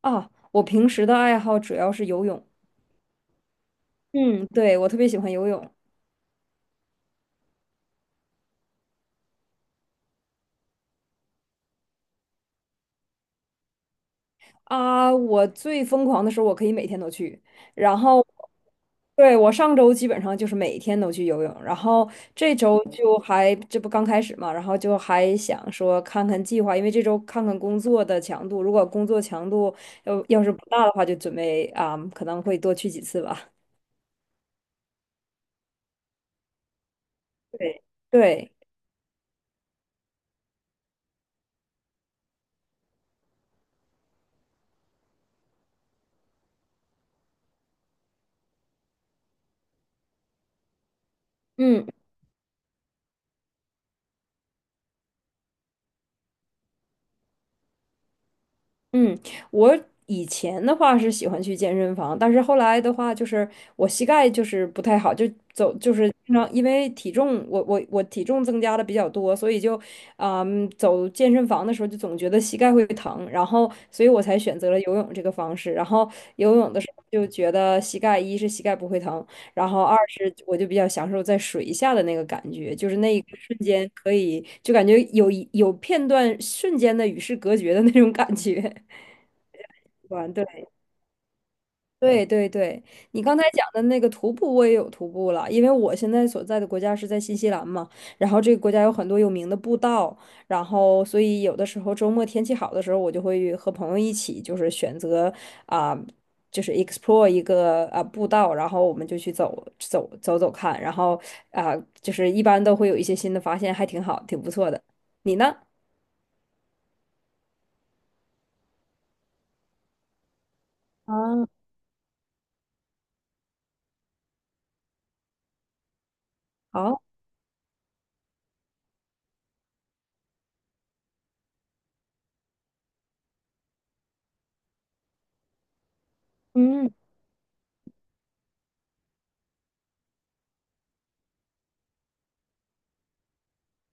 啊，我平时的爱好主要是游泳。嗯，对，我特别喜欢游泳。啊！我最疯狂的时候，我可以每天都去。然后，对，我上周基本上就是每天都去游泳，然后这周就还，这不刚开始嘛，然后就还想说看看计划，因为这周看看工作的强度，如果工作强度要是不大的话，就准备啊，可能会多去几次吧。对对，嗯。嗯，我以前的话是喜欢去健身房，但是后来的话，就是我膝盖就是不太好，就走就是经常因为体重，我体重增加的比较多，所以就，嗯，走健身房的时候就总觉得膝盖会疼，然后所以我才选择了游泳这个方式。然后游泳的时候就觉得膝盖一是膝盖不会疼，然后二是我就比较享受在水下的那个感觉，就是那一个瞬间可以就感觉有一有片段瞬间的与世隔绝的那种感觉。玩对，对对对，你刚才讲的那个徒步，我也有徒步了，因为我现在所在的国家是在新西兰嘛，然后这个国家有很多有名的步道，然后所以有的时候周末天气好的时候，我就会和朋友一起，就是选择啊、就是 explore 一个步道，然后我们就去走走走走看，然后啊、就是一般都会有一些新的发现，还挺好，挺不错的。你呢？啊，好，嗯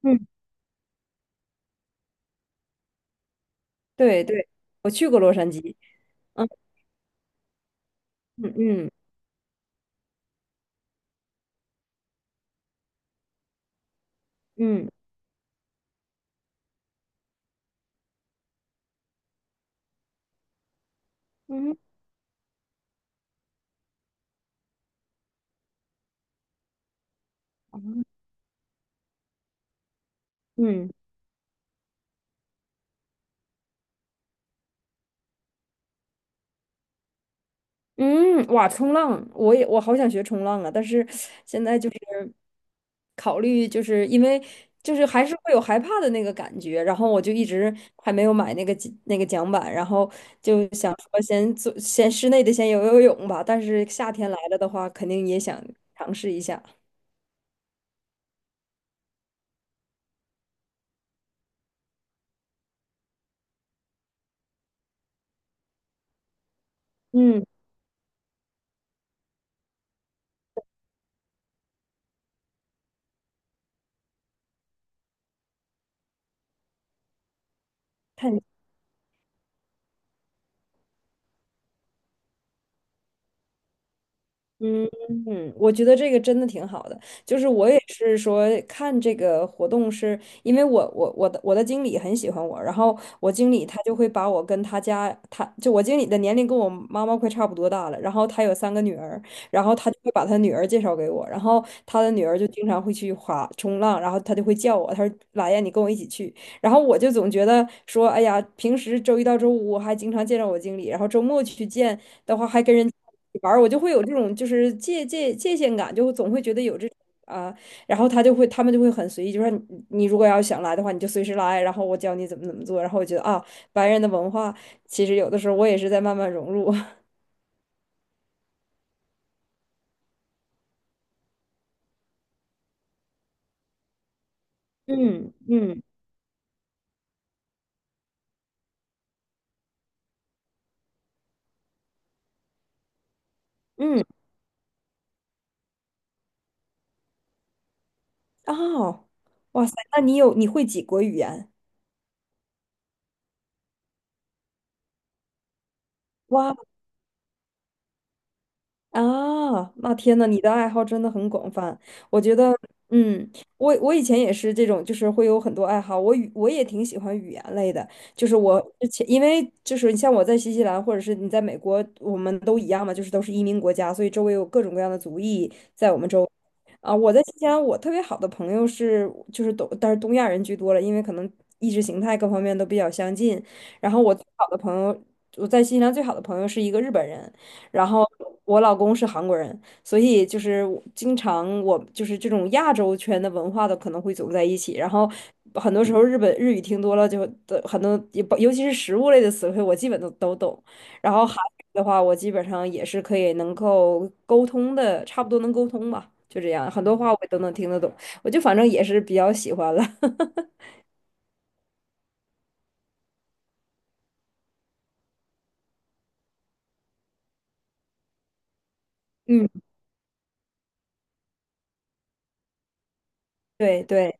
嗯，对对，我去过洛杉矶，嗯嗯嗯。嗯嗯嗯嗯，哇，冲浪，我也我好想学冲浪啊，但是现在就是考虑，就是因为就是还是会有害怕的那个感觉，然后我就一直还没有买那个那个桨板，然后就想说先做先室内的先游游泳吧，但是夏天来了的话，肯定也想尝试一下。嗯，嗯嗯，我觉得这个真的挺好的。就是我也是说看这个活动是，因为我我的经理很喜欢我，然后我经理他就会把我跟他家，他就我经理的年龄跟我妈妈快差不多大了，然后他有三个女儿，然后他就会把他女儿介绍给我，然后他的女儿就经常会去滑冲浪，然后他就会叫我，他说来呀，你跟我一起去。然后我就总觉得说，哎呀，平时周一到周五我还经常见着我经理，然后周末去见。的话还跟人玩儿，我就会有这种就是界限感，就总会觉得有这种啊，然后他们就会很随意，就说你如果要想来的话，你就随时来，然后我教你怎么怎么做，然后我觉得啊，白人的文化其实有的时候我也是在慢慢融入，嗯嗯嗯，哦，哇塞，那你有你会几国语言？哇啊，那天呐，你的爱好真的很广泛。我觉得，嗯，我以前也是这种，就是会有很多爱好。我也挺喜欢语言类的，就是我之前因为就是你像我在新西兰或者是你在美国，我们都一样嘛，就是都是移民国家，所以周围有各种各样的族裔在我们周围。啊，我在新西兰，我特别好的朋友是就是东，但是东亚人居多了，因为可能意识形态各方面都比较相近。然后我最好的朋友，我在新西兰最好的朋友是一个日本人。然后我老公是韩国人，所以就是我经常我就是这种亚洲圈的文化的可能会走在一起，然后很多时候日本日语听多了就的很多，也不尤其是食物类的词汇，我基本都懂。然后韩语的话，我基本上也是可以能够沟通的，差不多能沟通吧，就这样，很多话我都能听得懂，我就反正也是比较喜欢了。嗯，对对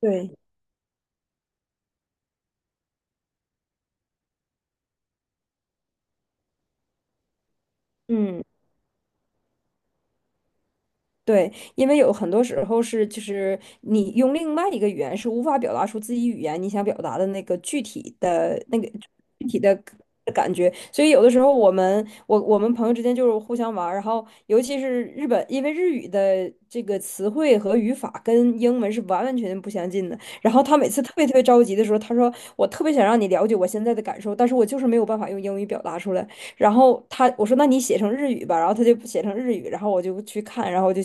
对，嗯。对，因为有很多时候是，就是你用另外一个语言是无法表达出自己语言你想表达的那个具体的那个具体的感觉，所以有的时候我我们朋友之间就是互相玩儿，然后尤其是日本，因为日语的这个词汇和语法跟英文是完完全全不相近的，然后他每次特别特别着急的时候，他说我特别想让你了解我现在的感受，但是我就是没有办法用英语表达出来。然后他我说那你写成日语吧，然后他就写成日语，然后我就去看，然后就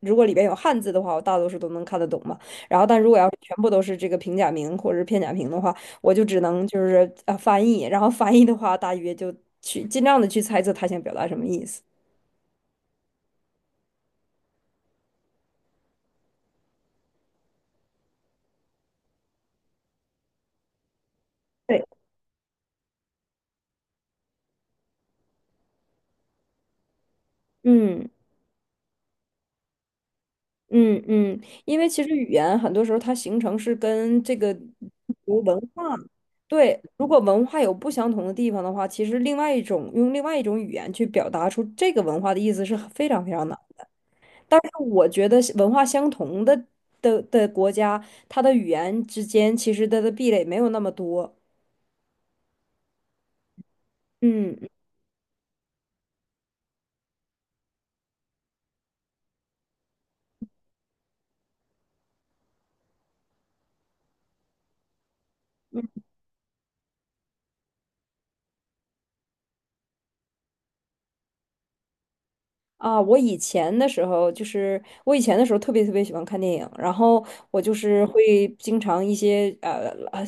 如果里边有汉字的话，我大多数都能看得懂嘛。然后但如果要是全部都是这个平假名或者是片假名的话，我就只能就是翻译，然后翻译的话大约就去尽量的去猜测他想表达什么意思。对，嗯。嗯嗯，因为其实语言很多时候它形成是跟这个由文化，对，如果文化有不相同的地方的话，其实另外一种用另外一种语言去表达出这个文化的意思是很非常非常难。但是我觉得是文化相同的国家，它的语言之间其实它的壁垒没有那么多。嗯。啊，我以前的时候就是我以前的时候特别特别喜欢看电影，然后我就是会经常一些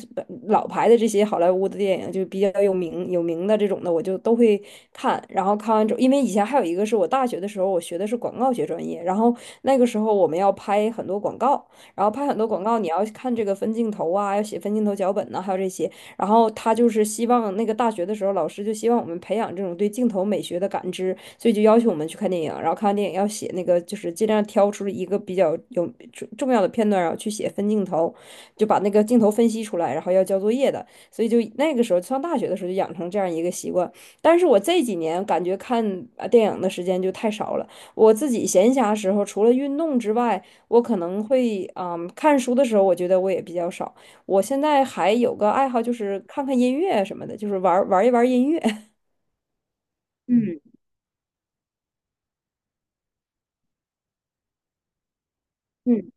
老牌的这些好莱坞的电影，就比较有名的这种的，我就都会看。然后看完之后，因为以前还有一个是我大学的时候，我学的是广告学专业，然后那个时候我们要拍很多广告，然后拍很多广告，你要看这个分镜头啊，要写分镜头脚本呐、还有这些。然后他就是希望那个大学的时候，老师就希望我们培养这种对镜头美学的感知，所以就要求我们去看电影，然后看完电影要写那个，就是尽量挑出一个比较重要的片段，然后去写分镜头，就把那个镜头分析出来，然后要交作业的。所以就那个时候上大学的时候就养成这样一个习惯。但是我这几年感觉看电影的时间就太少了，我自己闲暇时候除了运动之外，我可能会看书的时候，我觉得我也比较少。我现在还有个爱好，就是看看音乐什么的，就是玩音乐。嗯嗯。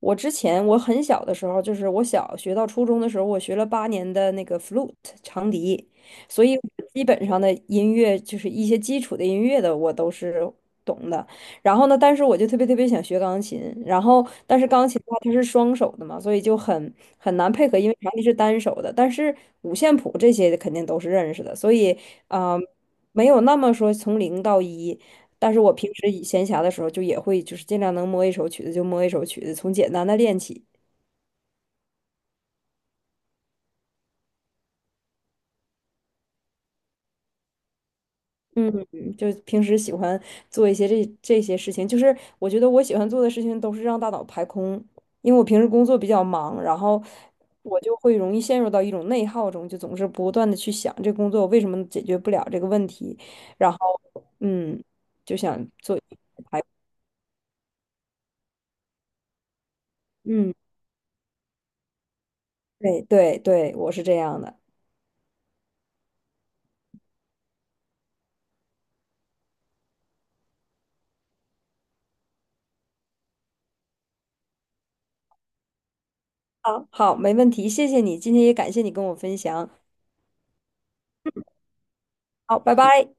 我之前我很小的时候，就是我小学到初中的时候，我学了8年的那个 flute 长笛，所以我基本上的音乐就是一些基础的音乐的我都是懂的。然后呢，但是我就特别特别想学钢琴，然后但是钢琴的话它是双手的嘛，所以就很难配合，因为长笛是单手的，但是五线谱这些肯定都是认识的，所以啊、呃没有那么说从零到一，但是我平时以闲暇的时候，就也会就是尽量能摸一首曲子就摸一首曲子，从简单的练起。嗯，就平时喜欢做一些这些事情，就是我觉得我喜欢做的事情都是让大脑排空，因为我平时工作比较忙，然后我就会容易陷入到一种内耗中，就总是不断的去想这工作为什么解决不了这个问题，然后嗯，就想做，嗯，对对对，我是这样的。好，好，没问题，谢谢你，今天也感谢你跟我分享，好，拜拜。